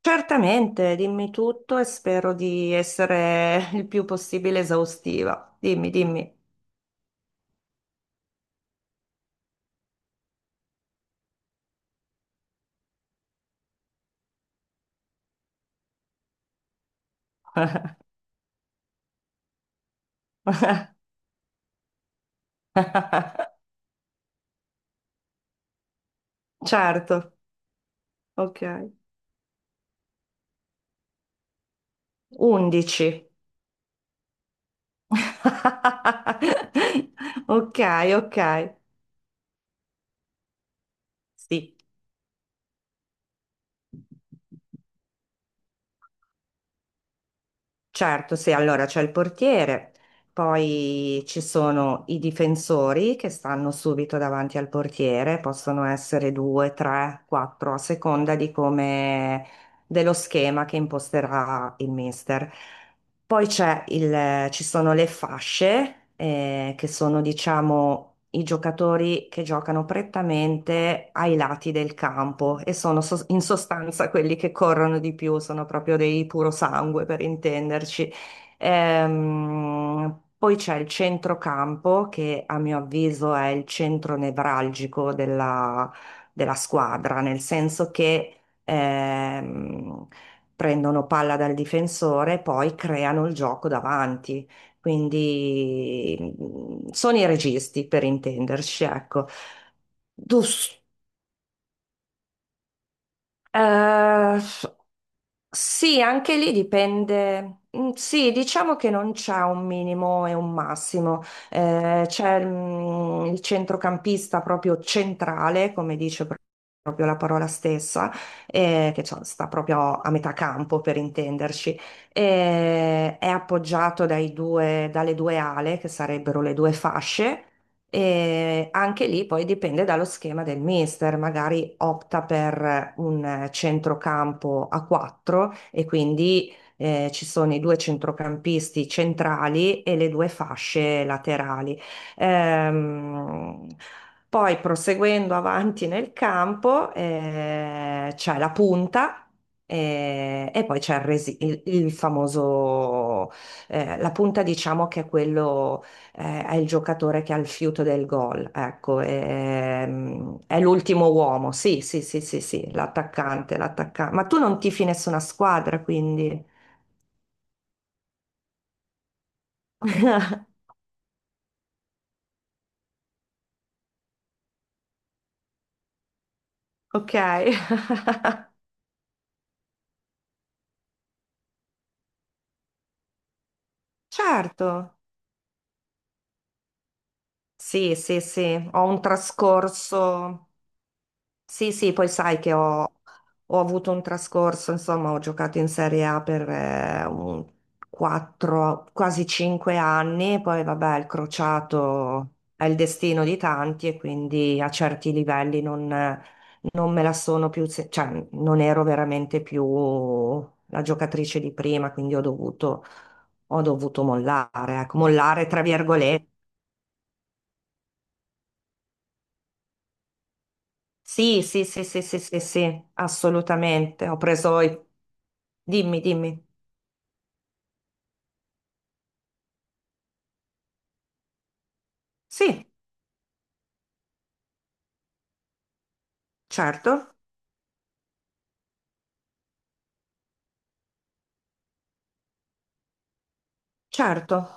Certamente, dimmi tutto e spero di essere il più possibile esaustiva. Dimmi, dimmi. Certo, ok. 11. Ok, ok. Sì. Certo, sì, allora c'è il portiere, poi ci sono i difensori che stanno subito davanti al portiere, possono essere due, tre, quattro, a seconda di come dello schema che imposterà il mister. Poi c'è ci sono le fasce, che sono, diciamo, i giocatori che giocano prettamente ai lati del campo e sono in sostanza quelli che corrono di più, sono proprio dei puro sangue per intenderci. Poi c'è il centrocampo, che a mio avviso è il centro nevralgico della squadra, nel senso che ehm, prendono palla dal difensore e poi creano il gioco davanti. Quindi sono i registi per intenderci, ecco. Dus- eh, Sì, anche lì dipende. Sì, diciamo che non c'è un minimo e un massimo. C'è il centrocampista proprio centrale, come dice proprio la parola stessa, che cioè, sta proprio a metà campo per intenderci. È appoggiato dalle due ale, che sarebbero le due fasce. E anche lì poi dipende dallo schema del mister, magari opta per un centrocampo a 4 e quindi ci sono i due centrocampisti centrali e le due fasce laterali. Ehm, Poi proseguendo avanti nel campo c'è la punta. E, poi c'è il famoso, la punta diciamo che è quello è il giocatore che ha il fiuto del gol, ecco, è, l'ultimo uomo, sì, sì, sì, sì, sì, l'attaccante, l'attaccante. Ma tu non tifi nessuna squadra, quindi. Ok, certo, sì, sì, sì, ho un trascorso. Sì, sì, poi sai che ho avuto un trascorso, insomma, ho giocato in Serie A per un 4, quasi 5 anni, poi vabbè, il crociato è il destino di tanti e quindi a certi livelli non me la sono più, cioè non ero veramente più la giocatrice di prima, quindi ho dovuto mollare, ecco, mollare tra virgolette. Sì, sì, sì, sì, sì, sì, sì, assolutamente. Ho preso i. Dimmi, dimmi. Sì, certo, certo.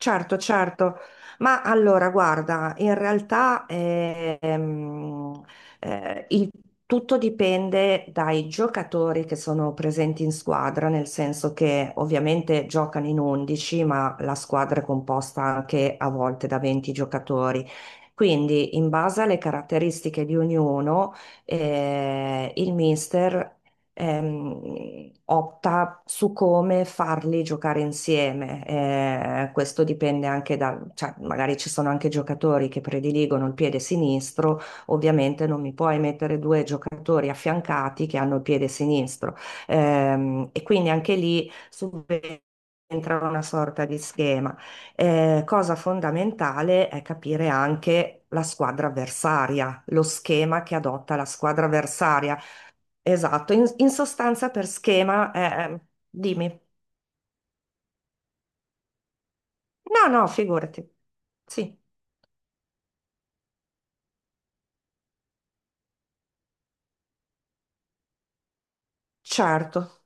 Certo, certo, ma allora guarda, in realtà eh, il- tutto dipende dai giocatori che sono presenti in squadra, nel senso che ovviamente giocano in 11, ma la squadra è composta anche a volte da 20 giocatori. Quindi, in base alle caratteristiche di ognuno, il mister opta su come farli giocare insieme. Questo dipende anche da, cioè, magari ci sono anche giocatori che prediligono il piede sinistro, ovviamente non mi puoi mettere due giocatori affiancati che hanno il piede sinistro. E quindi anche lì subentra una sorta di schema. Cosa fondamentale è capire anche la squadra avversaria, lo schema che adotta la squadra avversaria. Esatto, in sostanza per schema, dimmi. No, no, figurati. Sì, certo,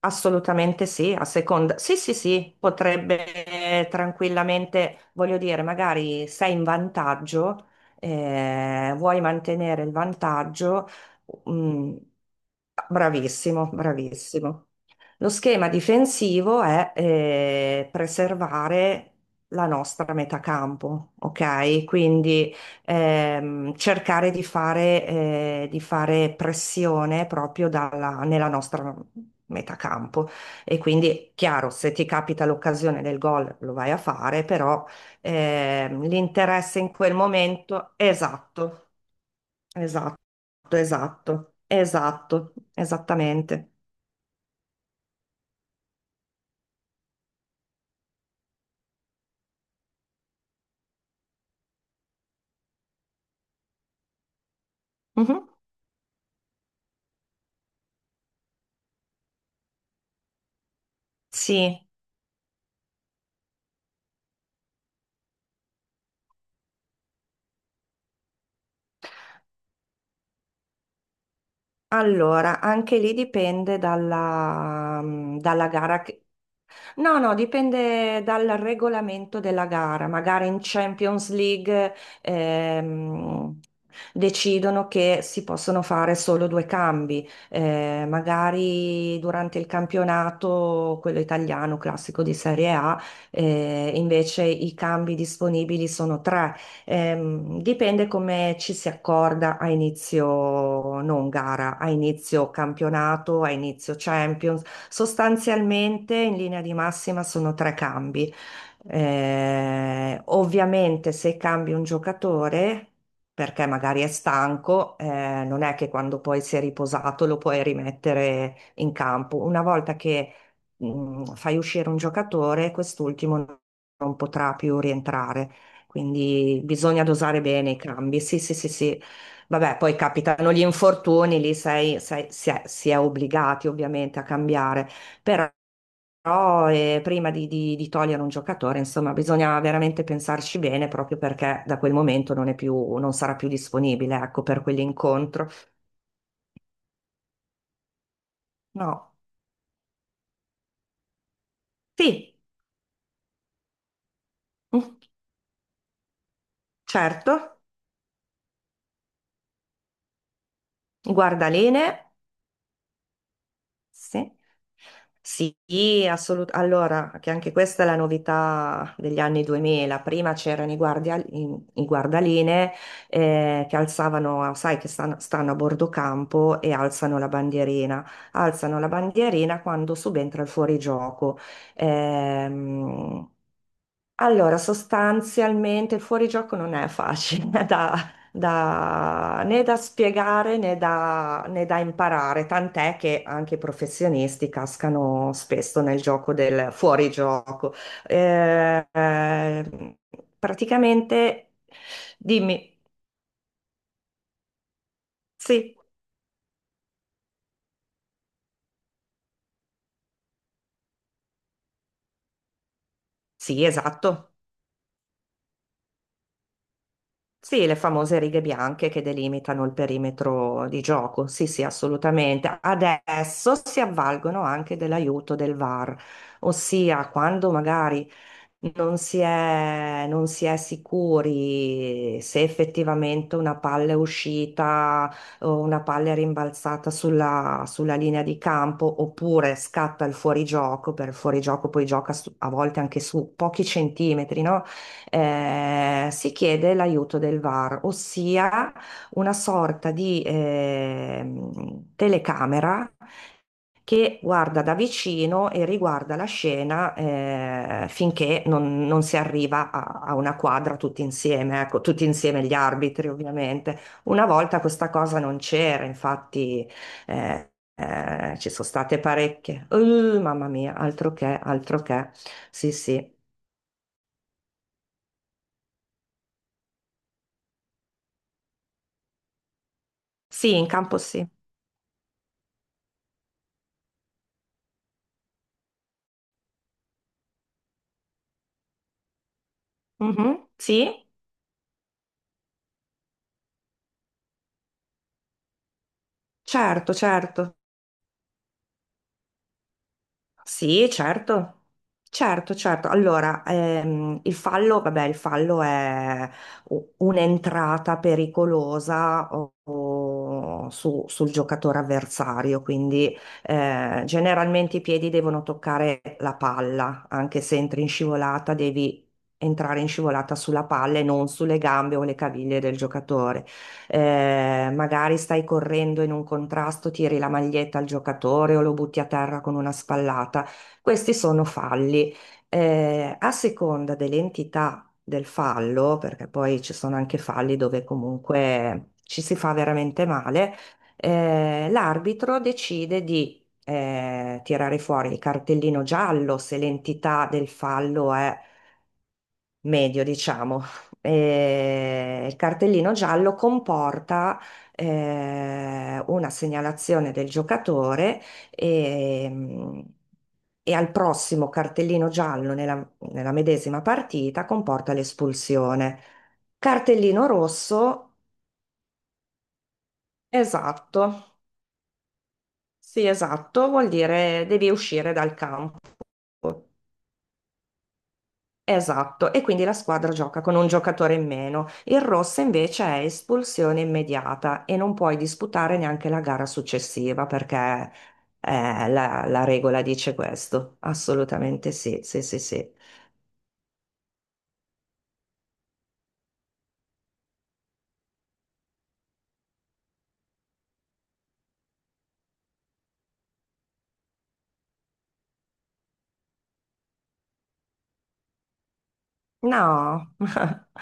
assolutamente sì, a seconda. Sì, sì, sì, potrebbe tranquillamente, voglio dire, magari sei in vantaggio, vuoi mantenere il vantaggio. mm, Bravissimo, bravissimo. Lo schema difensivo è preservare la nostra metà campo, ok? Quindi cercare di fare pressione proprio nella nostra metà campo. E quindi, chiaro, se ti capita l'occasione del gol lo vai a fare, però l'interesse in quel momento, esatto, esatto, esatto, esatto, esattamente. Mhm. Sì. Allora, anche lì dipende dalla gara. No, no, dipende dal regolamento della gara. Magari in Champions League ehm, decidono che si possono fare solo due cambi. Magari durante il campionato, quello italiano classico di Serie A, invece i cambi disponibili sono tre. Dipende come ci si accorda a inizio non gara, a inizio campionato, a inizio Champions. Sostanzialmente, in linea di massima, sono tre cambi. Ovviamente, se cambi un giocatore, perché magari è stanco, non è che quando poi si è riposato lo puoi rimettere in campo. Una volta che fai uscire un giocatore, quest'ultimo non potrà più rientrare. Quindi bisogna dosare bene i cambi. Sì, sì, sì, sì. Vabbè, poi capitano gli infortuni, lì si è obbligati ovviamente a cambiare, però prima di togliere un giocatore, insomma, bisogna veramente pensarci bene proprio perché da quel momento non è più, non sarà più disponibile, ecco, per quell'incontro. No, sì, mm, certo, guardalinee. Sì. Sì, assolutamente. Allora, che anche questa è la novità degli anni 2000. Prima c'erano i guardalinee che alzavano, sai, che stanno, a bordo campo e alzano la bandierina. Alzano la bandierina quando subentra il fuorigioco. Ehm, allora, sostanzialmente il fuorigioco non è facile né da spiegare né da imparare, tant'è che anche i professionisti cascano spesso nel gioco del fuorigioco. Eh, eh, praticamente, dimmi, sì, sì, esatto. Sì, le famose righe bianche che delimitano il perimetro di gioco. Sì, sì, assolutamente. Adesso si avvalgono anche dell'aiuto del VAR, ossia quando magari non si è sicuri se effettivamente una palla è uscita o una palla è rimbalzata sulla linea di campo oppure scatta il fuorigioco, per il fuorigioco poi gioca a volte anche su pochi centimetri, no? Si chiede l'aiuto del VAR, ossia una sorta di telecamera che guarda da vicino e riguarda la scena finché non si arriva a una quadra tutti insieme, ecco, tutti insieme gli arbitri ovviamente. Una volta questa cosa non c'era, infatti ci sono state parecchie. Mamma mia, altro che, altro che. Sì, sì. Sì, in campo sì. Mhm, sì, certo, certo. Sì, certo, certo, certo. Allora, il fallo, vabbè, il fallo è un'entrata pericolosa sul giocatore avversario, quindi generalmente i piedi devono toccare la palla, anche se entri in scivolata devi entrare in scivolata sulla palla e non sulle gambe o le caviglie del giocatore magari stai correndo in un contrasto, tiri la maglietta al giocatore o lo butti a terra con una spallata. Questi sono falli. A seconda dell'entità del fallo, perché poi ci sono anche falli dove comunque ci si fa veramente male, l'arbitro decide di tirare fuori il cartellino giallo se l'entità del fallo è medio, diciamo. E il cartellino giallo comporta una segnalazione del giocatore e, e al prossimo cartellino giallo nella medesima partita comporta l'espulsione. Cartellino rosso, esatto, sì, esatto, vuol dire devi uscire dal campo. Esatto, e quindi la squadra gioca con un giocatore in meno. Il rosso invece è espulsione immediata e non puoi disputare neanche la gara successiva perché la regola dice questo. Assolutamente sì, sì, sì, sì. No,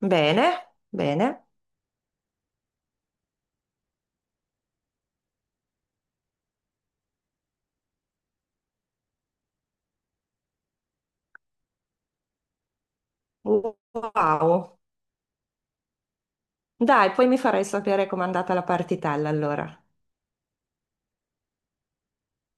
bene, bene. Wow. Dai, poi mi farai sapere com'è andata la partitella allora.